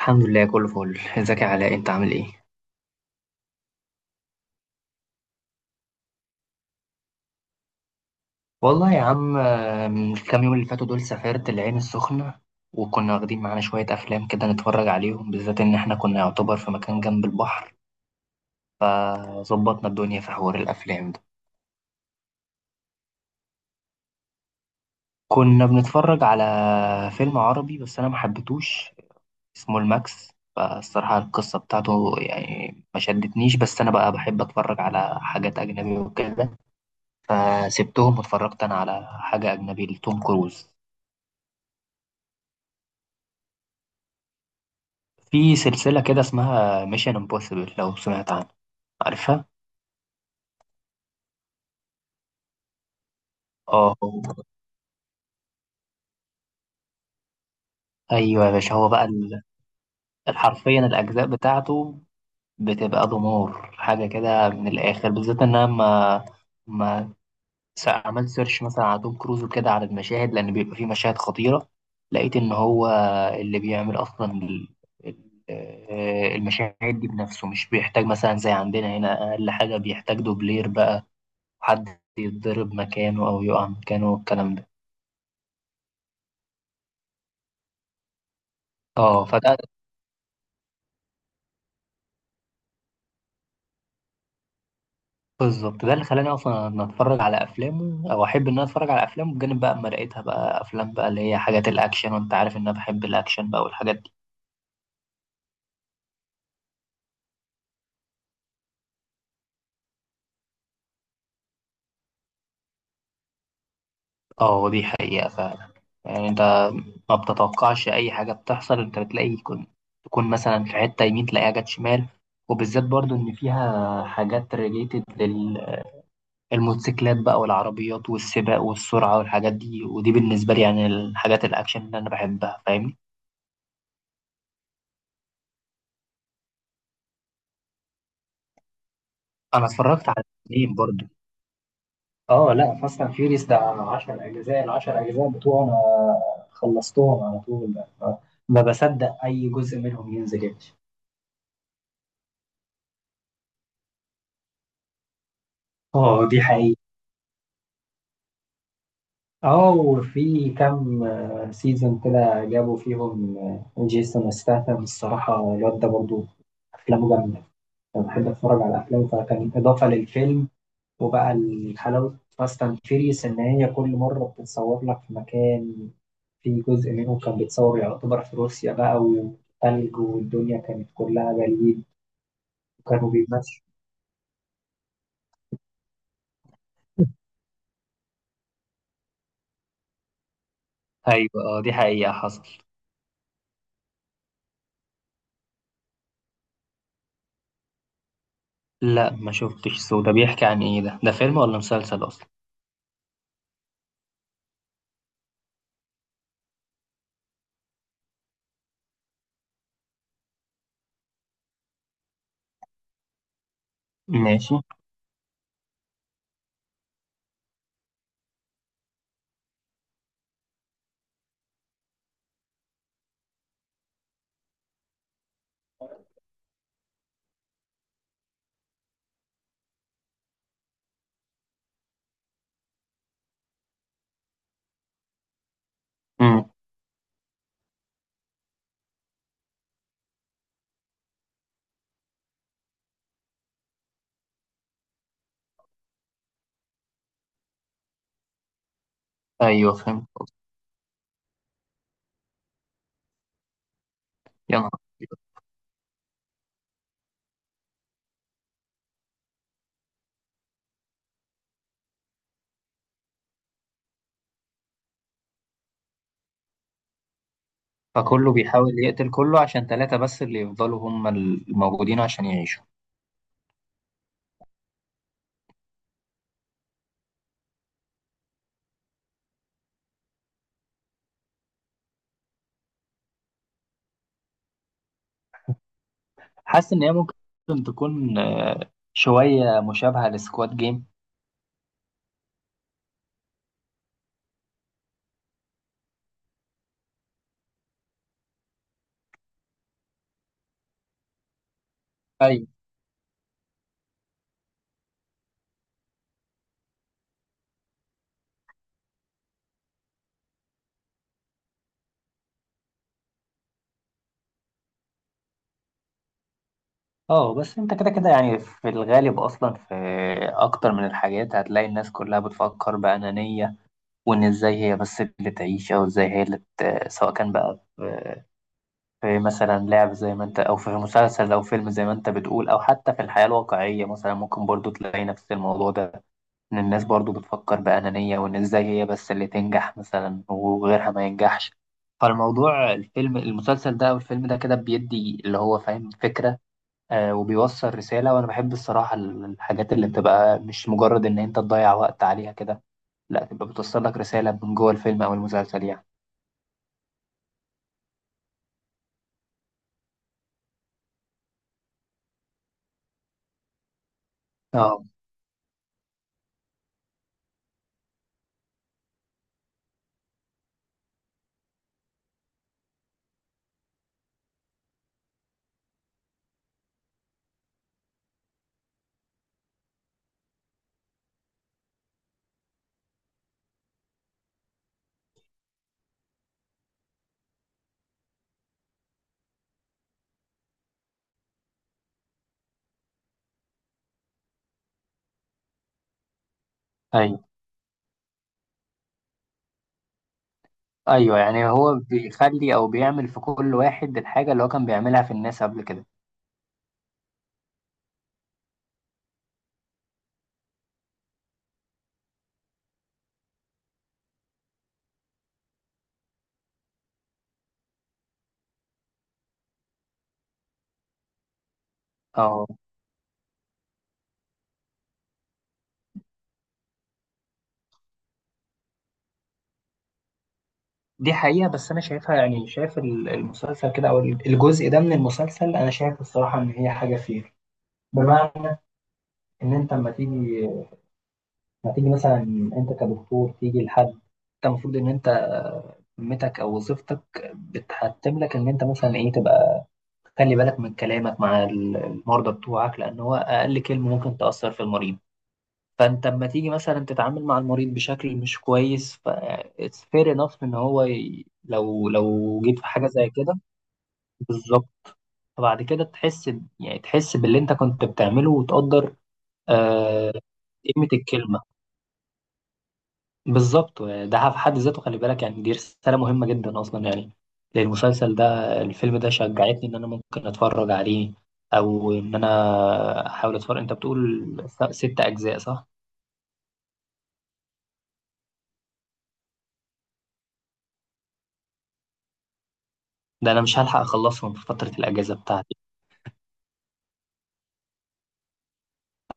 الحمد لله، كله فل. ازيك يا علاء؟ انت عامل ايه؟ والله يا عم، من الكام يوم اللي فاتوا دول سافرت العين السخنة. وكنا واخدين معانا شوية أفلام كده نتفرج عليهم، بالذات إن إحنا كنا يعتبر في مكان جنب البحر. فظبطنا الدنيا في حوار الأفلام ده. كنا بنتفرج على فيلم عربي بس أنا محبتوش. اسمه الماكس. فالصراحة القصة بتاعته يعني ما شدتنيش، بس أنا بقى بحب أتفرج على حاجات أجنبي وكده. فسبتهم واتفرجت أنا على حاجة أجنبي لتوم كروز. في سلسلة كده اسمها ميشن امبوسيبل، لو سمعت عنها. عارفها؟ اه. ايوه يا باشا. هو بقى حرفيا الأجزاء بتاعته بتبقى دمار حاجة كده من الآخر، بالذات إن أنا ما ما س- عملت سيرش مثلا على توم كروز وكده على المشاهد، لأن بيبقى فيه مشاهد خطيرة. لقيت إن هو اللي بيعمل أصلا المشاهد دي بنفسه، مش بيحتاج مثلا زي عندنا هنا. أقل حاجة بيحتاج دوبلير بقى، حد يتضرب مكانه أو يقع مكانه والكلام ده. اه، فده. بالظبط، ده اللي خلاني اصلا ان اتفرج على افلامه، او احب ان انا اتفرج على افلامه. بجانب بقى اما لقيتها بقى افلام بقى اللي هي حاجات الاكشن، وانت عارف ان انا بحب الاكشن بقى والحاجات دي. اه، دي حقيقة فعلا. يعني انت ما بتتوقعش اي حاجة بتحصل. انت بتلاقي تكون مثلا في حتة يمين تلاقيها جت شمال. وبالذات برضو ان فيها حاجات ريليتد للموتوسيكلات بقى، والعربيات والسباق والسرعة والحاجات دي. ودي بالنسبة لي يعني الحاجات الاكشن اللي انا بحبها، فاهمني. انا اتفرجت على اتنين برضو. اه لا، فاست اند فيوريوس ده 10 اجزاء. ال 10 اجزاء بتوعه انا خلصتهم على طول بقى. ما بصدق اي جزء منهم ينزل يا باشا. اه، دي حقيقة. اه، وفي كام سيزون كده جابوا فيهم جيسون ستاثام. الصراحة الواد ده برضه أفلامه جامدة. أنا بحب أتفرج على أفلامه، فكان إضافة للفيلم. وبقى الحلاوة فاست اند فيريوس، إن هي كل مرة بتتصور لك في مكان. في جزء منه كان بيتصور يعتبر في روسيا بقى، وثلج، والدنيا كانت كلها جليد. وكانوا بيمشوا. ايوه، اه، دي حقيقة حصل. لا، ما شفتش سو. ده بيحكي عن ايه؟ ده فيلم ولا مسلسل اصلا؟ ماشي. امم. ايوه، فهمت قصدك. يا نهار أبيض. فكله بيحاول يقتل كله عشان ثلاثة بس اللي يفضلوا هم الموجودين عشان يعيشوا. حاسس ان هي ممكن تكون شويه مشابهه لسكواد جيم. ايوه. اه، بس انت كده كده يعني في الغالب اصلا في اكتر من الحاجات هتلاقي الناس كلها بتفكر بأنانية. وان ازاي هي بس اللي تعيش، او ازاي هي اللي سواء كان بقى في مثلا لعب زي ما انت، او في مسلسل او فيلم زي ما انت بتقول، او حتى في الحياة الواقعية مثلا ممكن برضو تلاقي نفس الموضوع ده. إن الناس برضو بتفكر بأنانية، وإن إزاي هي بس اللي تنجح مثلا وغيرها ما ينجحش. فالموضوع الفيلم المسلسل ده أو الفيلم ده كده بيدي اللي هو فاهم فكرة. وبيوصل رسالة، وأنا بحب الصراحة الحاجات اللي بتبقى مش مجرد إن أنت تضيع وقت عليها كده. لا، تبقى بتوصل لك رسالة من جوه الفيلم أو المسلسل يعني. اه، أيوه، أيوه. يعني هو بيخلي أو بيعمل في كل واحد الحاجة اللي هو كان بيعملها في الناس قبل كده. اه، دي حقيقة. بس أنا شايفها يعني، شايف المسلسل كده أو الجزء ده من المسلسل. أنا شايف الصراحة إن هي حاجة فير، بمعنى إن أنت أما تيجي ما تيجي مثلا، أنت كدكتور تيجي لحد أنت المفروض إن أنت مهمتك أو وظيفتك بتحتم لك إن أنت مثلا إيه تبقى، خلي بالك من كلامك مع المرضى بتوعك، لأن هو أقل كلمة ممكن تأثر في المريض. فأنت أما تيجي مثلا تتعامل مع المريض بشكل مش كويس. ف it's fair enough إن هو لو جيت في حاجة زي كده. بالظبط. فبعد كده تحس يعني تحس باللي انت كنت بتعمله، وتقدر آه، قيمة الكلمة. بالظبط. ده في حد ذاته خلي بالك، يعني دي رسالة مهمة جدا أصلا يعني. المسلسل ده، الفيلم ده، شجعتني إن أنا ممكن أتفرج عليه، أو إن أنا أحاول أتفرج. أنت بتقول ست أجزاء صح؟ ده أنا مش هلحق أخلصهم في فترة الأجازة بتاعتي.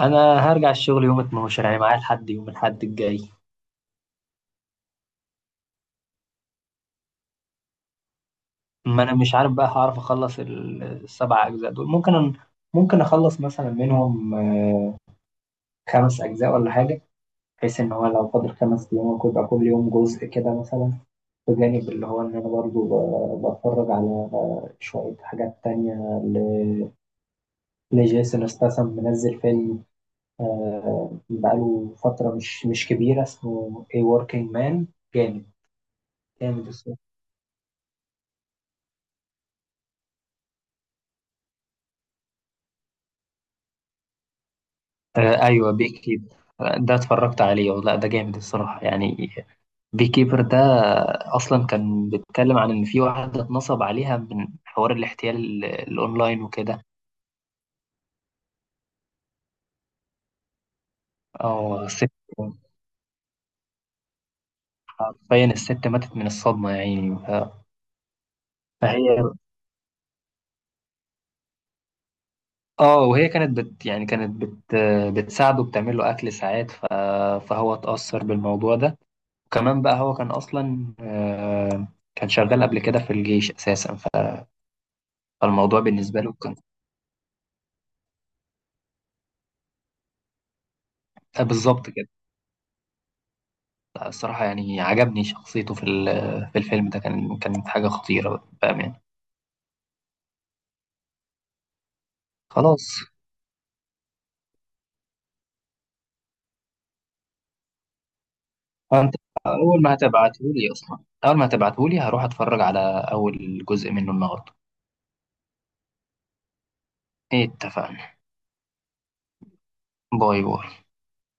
أنا هرجع الشغل يوم 12، يعني معايا لحد يوم الأحد الجاي. ما انا مش عارف بقى هعرف اخلص السبع اجزاء دول. ممكن اخلص مثلا منهم خمس اجزاء ولا حاجه. بحيث ان هو لو فاضل خمس ايام ممكن يبقى كل يوم جزء كده مثلا. بجانب اللي هو ان انا برضو بتفرج على شويه حاجات تانية. ل- لجيسون استاثام منزل فيلم، بقاله فتره مش كبيره، اسمه A Working Man. جامد. جامد الصراحه. آه، ايوه، بيكي ده اتفرجت عليه، والله ده جامد الصراحه يعني. بيكيبر ده اصلا كان بيتكلم عن ان في واحده اتنصب عليها من حوار الاحتيال الاونلاين وكده. او ست. حرفيا الست ماتت من الصدمه يعني فهي اه وهي كانت بت بتساعده، بتعمل له اكل ساعات فهو اتاثر بالموضوع ده. وكمان بقى هو كان اصلا كان شغال قبل كده في الجيش اساسا فالموضوع بالنسبه له كان بالظبط كده. لا، الصراحة يعني عجبني شخصيته في في الفيلم ده. كانت حاجة خطيرة بأمان. خلاص. أنت أول ما هتبعتهولي أصلا أول ما هتبعتهولي هروح أتفرج على أول جزء منه النهاردة. اتفقنا. باي باي.